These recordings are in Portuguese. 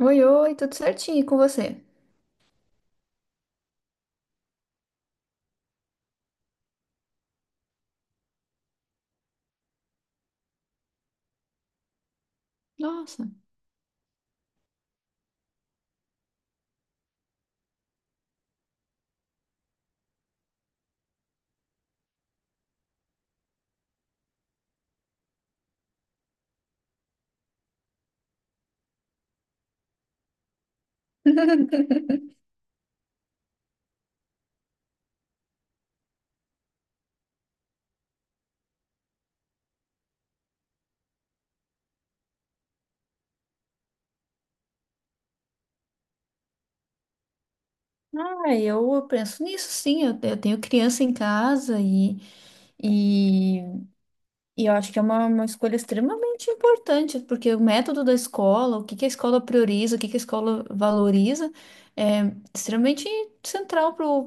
Oi, oi, tudo certinho e com você? Nossa. Ah, eu penso nisso, sim. Eu tenho criança em casa e, e eu acho que é uma escolha extremamente importante, porque o método da escola, o que que a escola prioriza, o que que a escola valoriza, é extremamente central para o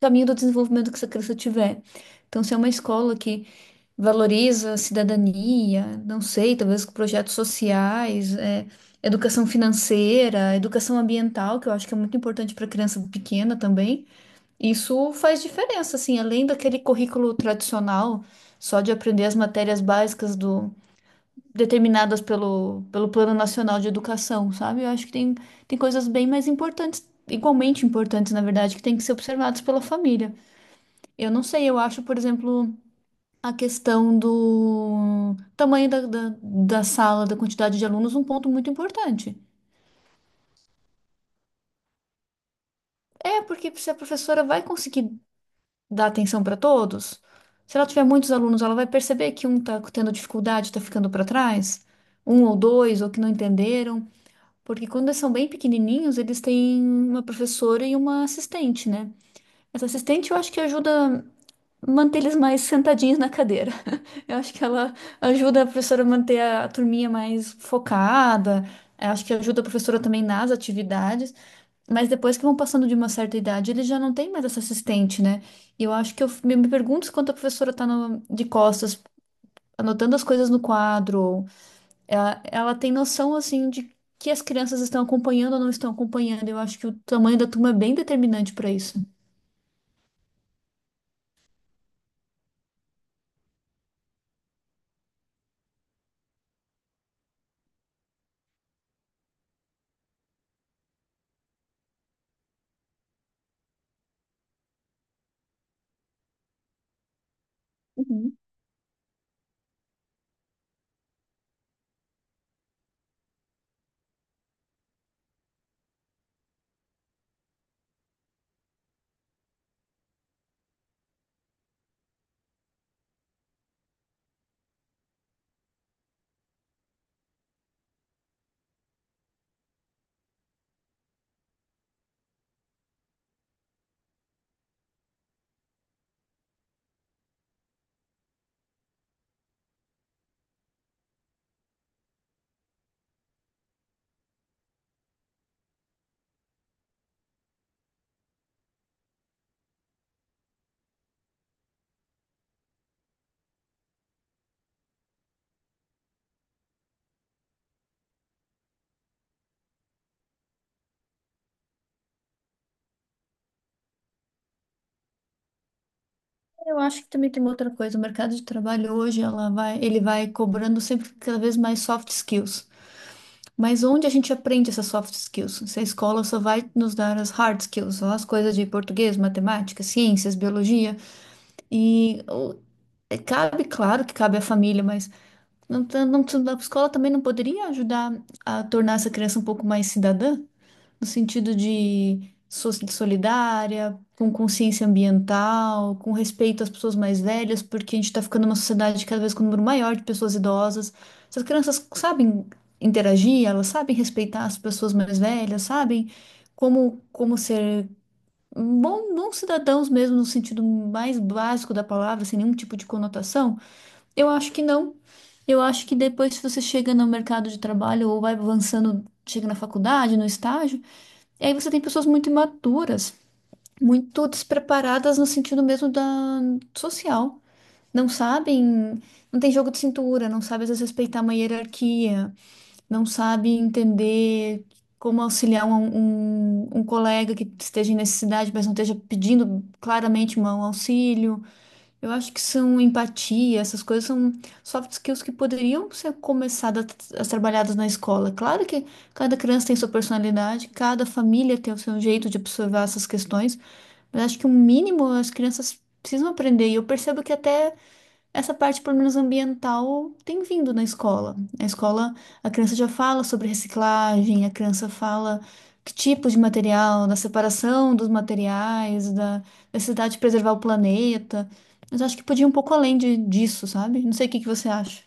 caminho do desenvolvimento que essa criança tiver. Então, se é uma escola que valoriza a cidadania, não sei, talvez com projetos sociais, educação financeira, educação ambiental, que eu acho que é muito importante para criança pequena também. Isso faz diferença, assim, além daquele currículo tradicional, só de aprender as matérias básicas do determinadas pelo, pelo Plano Nacional de Educação, sabe? Eu acho que tem coisas bem mais importantes, igualmente importantes, na verdade, que têm que ser observadas pela família. Eu não sei, eu acho, por exemplo, a questão do tamanho da sala, da quantidade de alunos, um ponto muito importante. É, porque se a professora vai conseguir dar atenção para todos, se ela tiver muitos alunos, ela vai perceber que um está tendo dificuldade, está ficando para trás, um ou dois, ou que não entenderam. Porque quando eles são bem pequenininhos, eles têm uma professora e uma assistente, né? Essa assistente eu acho que ajuda. Manter eles mais sentadinhos na cadeira. Eu acho que ela ajuda a professora a manter a turminha mais focada, eu acho que ajuda a professora também nas atividades, mas depois que vão passando de uma certa idade, eles já não têm mais essa assistente, né? E eu acho que me pergunto se quando a professora está de costas, anotando as coisas no quadro, ou ela tem noção, assim, de que as crianças estão acompanhando ou não estão acompanhando. Eu acho que o tamanho da turma é bem determinante para isso. Uhum. Eu acho que também tem uma outra coisa. O mercado de trabalho hoje, ele vai cobrando sempre cada vez mais soft skills. Mas onde a gente aprende essas soft skills? Se a escola só vai nos dar as hard skills, só as coisas de português, matemática, ciências, biologia. E o- cabe, claro que cabe à família, mas não, tá- não, tá- a escola também não poderia ajudar a tornar essa criança um pouco mais cidadã, no sentido de solidária, com consciência ambiental, com respeito às pessoas mais velhas, porque a gente está ficando uma sociedade cada vez com um número maior de pessoas idosas. Essas crianças sabem interagir, elas sabem respeitar as pessoas mais velhas, sabem como, como ser bom, bons cidadãos mesmo, no sentido mais básico da palavra, sem nenhum tipo de conotação. Eu acho que não. Eu acho que depois, se você chega no mercado de trabalho ou vai avançando, chega na faculdade, no estágio, e aí você tem pessoas muito imaturas, muito despreparadas no sentido mesmo da social. Não sabem, não tem jogo de cintura, não sabem às vezes respeitar uma hierarquia, não sabem entender como auxiliar um colega que esteja em necessidade, mas não esteja pedindo claramente um auxílio. Eu acho que são empatia, essas coisas são soft skills que poderiam ser começadas a trabalhadas na escola. Claro que cada criança tem sua personalidade, cada família tem o seu jeito de observar essas questões, mas acho que o mínimo as crianças precisam aprender. E eu percebo que até essa parte, pelo menos ambiental, tem vindo na escola. Na escola, a criança já fala sobre reciclagem, a criança fala que tipo de material, da separação dos materiais, da necessidade de preservar o planeta. Mas eu acho que podia ir um pouco além de, disso, sabe? Não sei o que que você acha.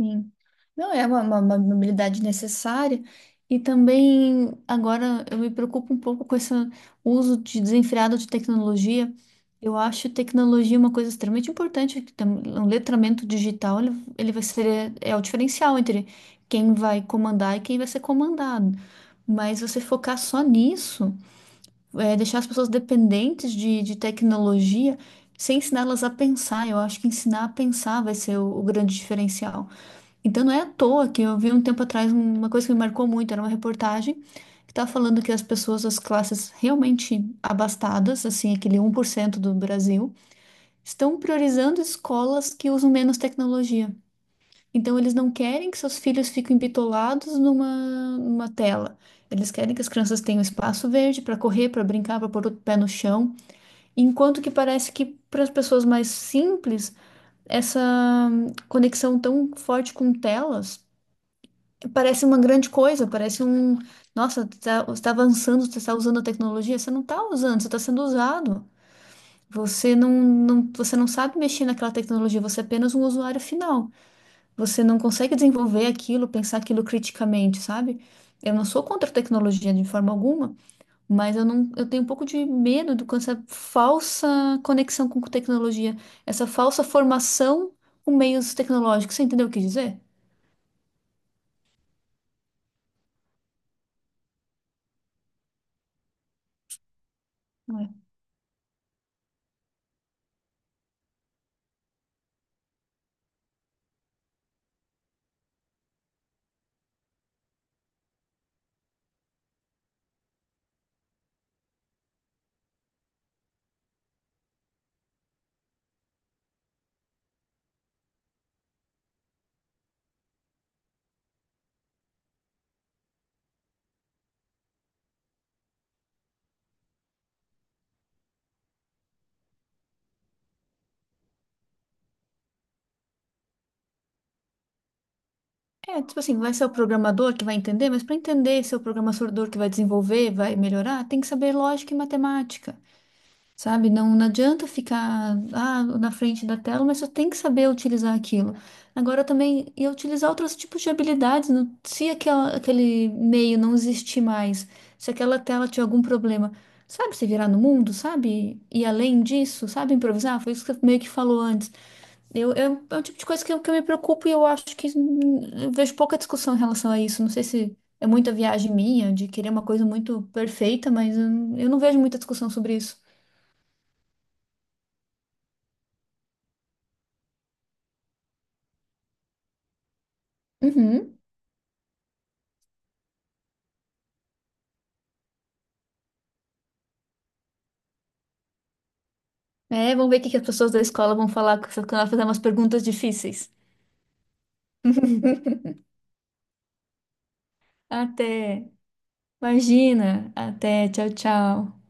Sim. Não é uma habilidade necessária. E também agora eu me preocupo um pouco com esse uso de desenfreado de tecnologia. Eu acho tecnologia uma coisa extremamente importante. O letramento digital ele vai ser é o diferencial entre quem vai comandar e quem vai ser comandado. Mas você focar só nisso, deixar as pessoas dependentes de tecnologia, sem ensiná-las a pensar. Eu acho que ensinar a pensar vai ser o grande diferencial. Então não é à toa que eu vi um tempo atrás uma coisa que me marcou muito, era uma reportagem que estava falando que as pessoas das classes realmente abastadas, assim, aquele 1% do Brasil, estão priorizando escolas que usam menos tecnologia. Então eles não querem que seus filhos fiquem bitolados numa, numa tela. Eles querem que as crianças tenham espaço verde para correr, para brincar, para pôr o pé no chão. Enquanto que parece que para as pessoas mais simples, essa conexão tão forte com telas parece uma grande coisa, parece um. Nossa, você está avançando, você está usando a tecnologia, você não está usando, você está sendo usado. Você não sabe mexer naquela tecnologia, você é apenas um usuário final. Você não consegue desenvolver aquilo, pensar aquilo criticamente, sabe? Eu não sou contra a tecnologia de forma alguma, mas eu não, eu tenho um pouco de medo do com essa falsa conexão com tecnologia, essa falsa formação com meios tecnológicos. Você entendeu o que dizer? É, tipo assim, vai ser o programador que vai entender, mas para entender se é o programador que vai desenvolver, vai melhorar, tem que saber lógica e matemática, sabe? Não, não adianta ficar na frente da tela, mas só tem que saber utilizar aquilo. Agora também, e utilizar outros tipos de habilidades, se aquele meio não existir mais, se aquela tela tiver algum problema, sabe se virar no mundo, sabe? E além disso, sabe improvisar? Foi isso que você meio que falou antes. É um tipo de coisa que eu me preocupo e eu acho que eu vejo pouca discussão em relação a isso. Não sei se é muita viagem minha de querer uma coisa muito perfeita, mas eu não vejo muita discussão sobre isso. Uhum. É, vamos ver o que que as pessoas da escola vão falar quando ela fazer umas perguntas difíceis. Até. Imagina. Até. Tchau, tchau.